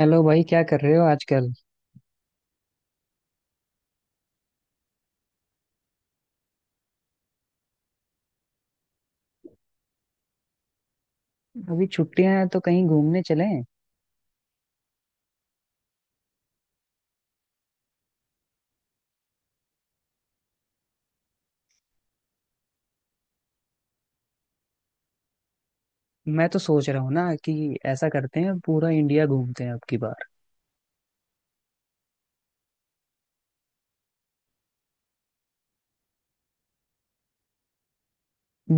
Hello भाई, क्या कर रहे हो आजकल। अभी छुट्टियां हैं तो कहीं घूमने चलें। मैं तो सोच रहा हूँ ना कि ऐसा करते हैं, पूरा इंडिया घूमते हैं अब की बार।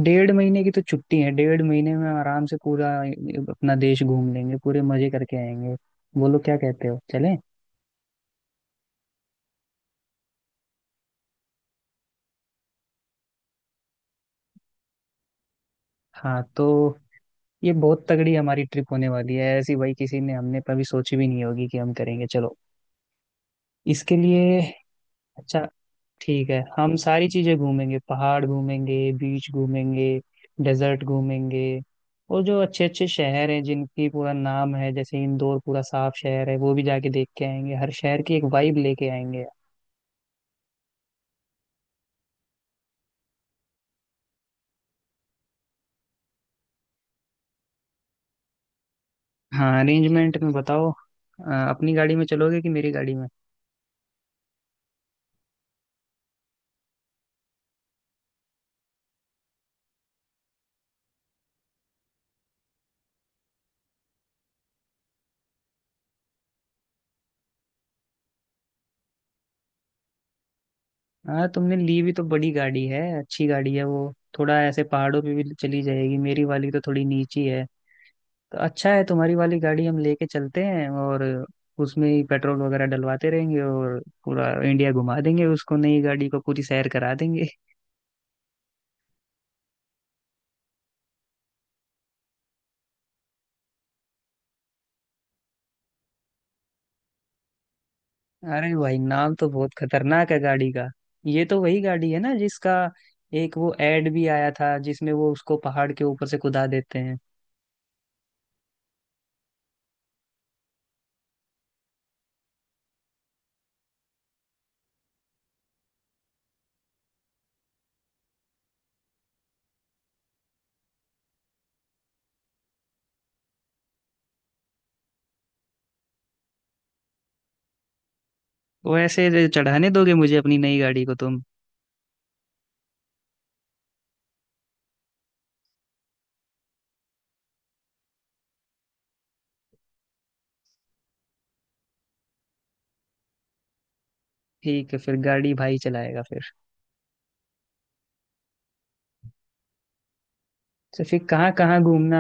डेढ़ महीने की तो छुट्टी है, 1.5 महीने में आराम से पूरा अपना देश घूम लेंगे, पूरे मजे करके आएंगे। बोलो क्या कहते हो, चलें? हाँ तो ये बहुत तगड़ी हमारी ट्रिप होने वाली है, ऐसी भाई किसी ने, हमने कभी सोची भी नहीं होगी कि हम करेंगे। चलो इसके लिए। अच्छा, ठीक है। हम सारी चीजें घूमेंगे, पहाड़ घूमेंगे, बीच घूमेंगे, डेजर्ट घूमेंगे। और जो अच्छे अच्छे शहर हैं जिनकी पूरा नाम है, जैसे इंदौर पूरा साफ शहर है, वो भी जाके देख के आएंगे। हर शहर की एक वाइब लेके आएंगे। हाँ, अरेंजमेंट में बताओ, अपनी गाड़ी में चलोगे कि मेरी गाड़ी में? हाँ, तुमने ली भी तो बड़ी गाड़ी है, अच्छी गाड़ी है वो, थोड़ा ऐसे पहाड़ों पे भी चली जाएगी। मेरी वाली तो थोड़ी नीची है, तो अच्छा है, तुम्हारी वाली गाड़ी हम लेके चलते हैं और उसमें ही पेट्रोल वगैरह डलवाते रहेंगे। और पूरा इंडिया घुमा देंगे उसको, नई गाड़ी को पूरी सैर करा देंगे। अरे भाई, नाम तो बहुत खतरनाक है गाड़ी का। ये तो वही गाड़ी है ना जिसका एक वो एड भी आया था जिसमें वो उसको पहाड़ के ऊपर से कुदा देते हैं। वैसे चढ़ाने दोगे मुझे अपनी नई गाड़ी को तुम? ठीक है, फिर गाड़ी भाई चलाएगा फिर। तो फिर कहाँ कहाँ घूमना।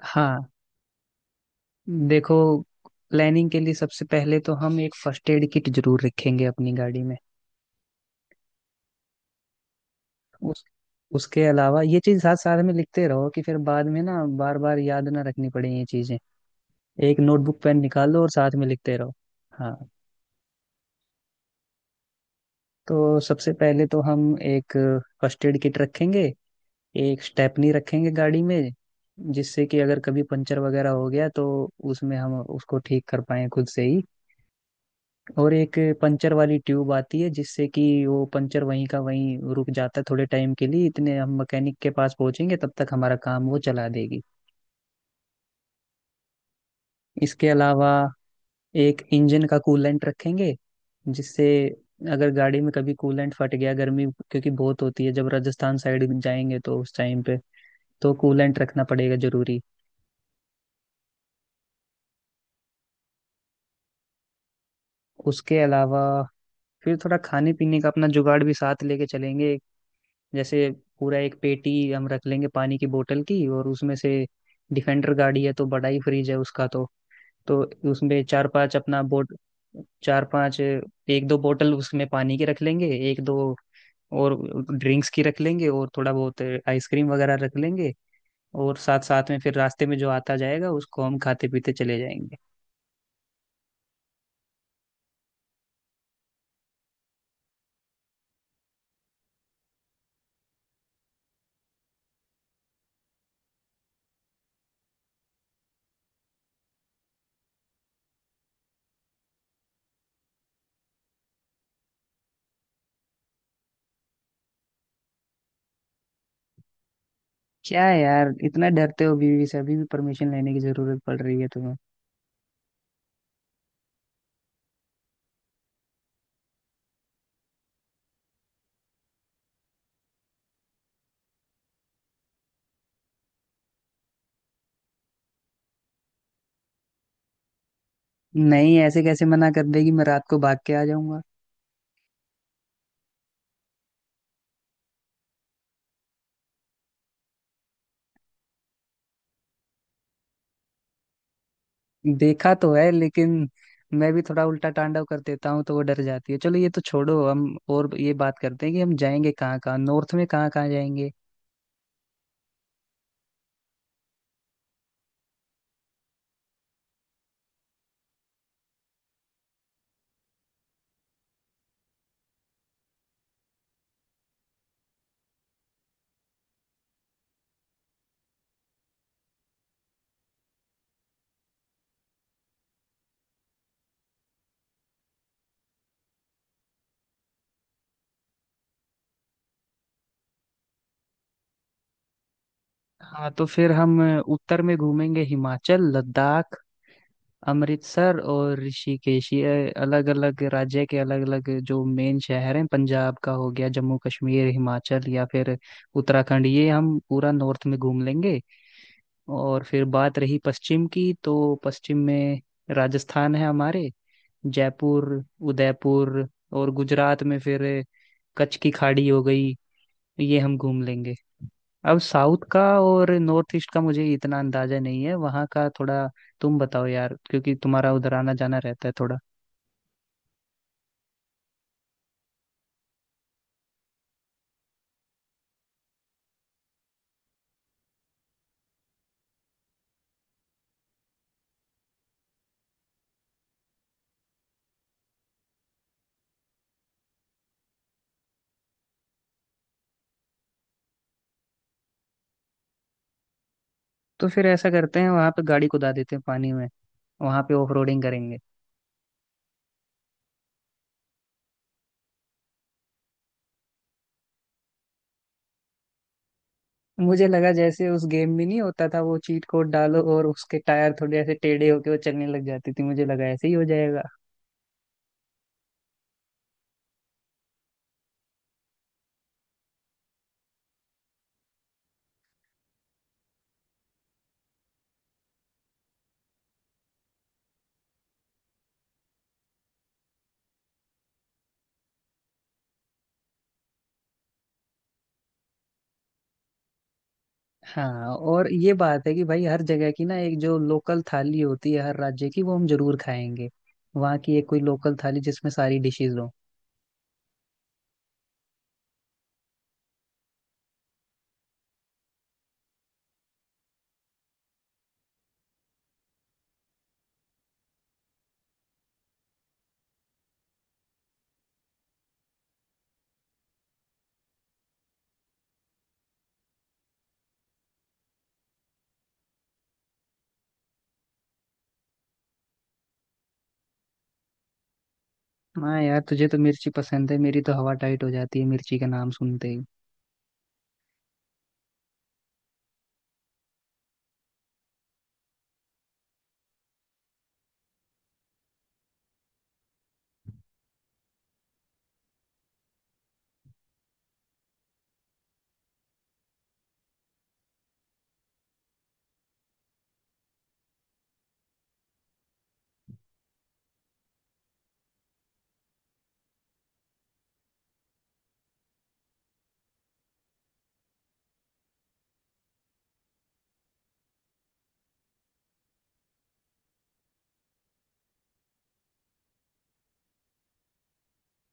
हाँ, देखो, प्लानिंग के लिए सबसे पहले तो हम एक फर्स्ट एड किट जरूर रखेंगे अपनी गाड़ी में। उस उसके अलावा ये चीज साथ साथ में लिखते रहो कि फिर बाद में ना बार बार याद ना रखनी पड़े ये चीजें। एक नोटबुक पेन निकाल लो और साथ में लिखते रहो। हाँ, तो सबसे पहले तो हम एक फर्स्ट एड किट रखेंगे। एक स्टेपनी रखेंगे गाड़ी में, जिससे कि अगर कभी पंचर वगैरह हो गया तो उसमें हम उसको ठीक कर पाए खुद से ही। और एक पंचर वाली ट्यूब आती है, जिससे कि वो पंचर वहीं का वहीं रुक जाता है थोड़े टाइम के लिए, इतने हम मैकेनिक के पास पहुंचेंगे, तब तक हमारा काम वो चला देगी। इसके अलावा एक इंजन का कूलेंट रखेंगे, जिससे अगर गाड़ी में कभी कूलेंट फट गया, गर्मी क्योंकि बहुत होती है जब राजस्थान साइड जाएंगे तो उस टाइम पे, तो कूलेंट रखना पड़ेगा जरूरी। उसके अलावा फिर थोड़ा खाने पीने का अपना जुगाड़ भी साथ लेके चलेंगे। जैसे पूरा एक पेटी हम रख लेंगे पानी की बोतल की, और उसमें से, डिफेंडर गाड़ी है तो बड़ा ही फ्रिज है उसका, तो उसमें चार पांच अपना बोट, चार पांच, एक दो बोतल उसमें पानी की रख लेंगे, एक दो और ड्रिंक्स की रख लेंगे, और थोड़ा बहुत आइसक्रीम वगैरह रख लेंगे। और साथ साथ में फिर रास्ते में जो आता जाएगा उसको हम खाते पीते चले जाएंगे। क्या है यार, इतना डरते हो बीवी से? अभी भी परमिशन लेने की जरूरत पड़ रही है तुम्हें? नहीं, ऐसे कैसे मना कर देगी, मैं रात को भाग के आ जाऊंगा। देखा तो है, लेकिन मैं भी थोड़ा उल्टा तांडव कर देता हूँ तो वो डर जाती है। चलो, ये तो छोड़ो, हम और ये बात करते हैं कि हम जाएंगे कहाँ कहाँ, नॉर्थ में कहाँ कहाँ जाएंगे। हाँ, तो फिर हम उत्तर में घूमेंगे, हिमाचल, लद्दाख, अमृतसर और ऋषिकेश, ये अलग अलग राज्य के अलग अलग जो मेन शहर हैं, पंजाब का हो गया, जम्मू कश्मीर, हिमाचल, या फिर उत्तराखंड, ये हम पूरा नॉर्थ में घूम लेंगे। और फिर बात रही पश्चिम की, तो पश्चिम में राजस्थान है हमारे, जयपुर, उदयपुर, और गुजरात में फिर कच्छ की खाड़ी हो गई, ये हम घूम लेंगे। अब साउथ का और नॉर्थ ईस्ट का मुझे इतना अंदाजा नहीं है वहाँ का थोड़ा, तुम बताओ यार, क्योंकि तुम्हारा उधर आना जाना रहता है थोड़ा। तो फिर ऐसा करते हैं, वहाँ पे गाड़ी कुदा देते हैं पानी में, वहाँ पे ऑफ रोडिंग करेंगे। मुझे लगा जैसे उस गेम में नहीं होता था, वो चीट कोड डालो और उसके टायर थोड़े ऐसे टेढ़े होके वो चलने लग जाती थी, मुझे लगा ऐसे ही हो जाएगा। हाँ, और ये बात है कि भाई, हर जगह की ना एक जो लोकल थाली होती है हर राज्य की, वो हम जरूर खाएंगे। वहाँ की एक कोई लोकल थाली जिसमें सारी डिशेज हो। हाँ यार, तुझे तो मिर्ची पसंद है, मेरी तो हवा टाइट हो जाती है मिर्ची का नाम सुनते ही।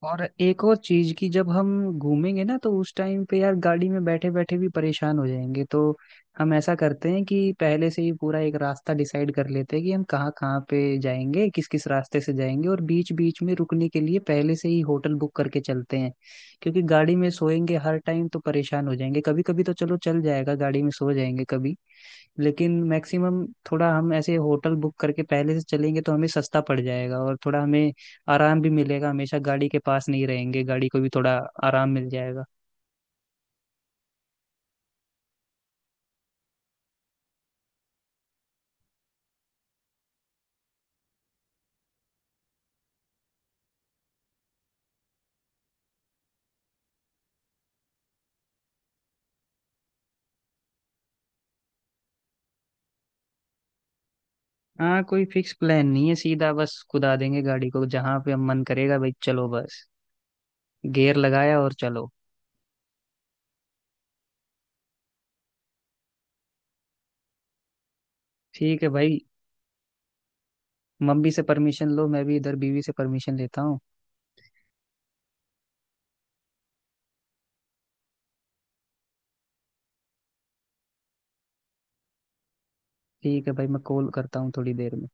और एक और चीज की जब हम घूमेंगे ना, तो उस टाइम पे यार, गाड़ी में बैठे बैठे भी परेशान हो जाएंगे, तो हम ऐसा करते हैं कि पहले से ही पूरा एक रास्ता डिसाइड कर लेते हैं कि हम कहाँ कहाँ पे जाएंगे, किस किस रास्ते से जाएंगे, और बीच बीच में रुकने के लिए पहले से ही होटल बुक करके चलते हैं। क्योंकि गाड़ी में सोएंगे हर टाइम तो परेशान हो जाएंगे। कभी कभी तो चलो चल जाएगा, गाड़ी में सो जाएंगे कभी, लेकिन मैक्सिमम थोड़ा हम ऐसे होटल बुक करके पहले से चलेंगे तो हमें सस्ता पड़ जाएगा और थोड़ा हमें आराम भी मिलेगा, हमेशा गाड़ी के पास नहीं रहेंगे, गाड़ी को भी थोड़ा आराम मिल जाएगा। हाँ, कोई फिक्स प्लान नहीं है, सीधा बस कुदा देंगे गाड़ी को जहाँ पे हम मन करेगा। भाई चलो बस, गियर लगाया और चलो। ठीक है भाई, मम्मी से परमिशन लो, मैं भी इधर बीवी से परमिशन लेता हूँ। ठीक है भाई, मैं कॉल करता हूँ थोड़ी देर में।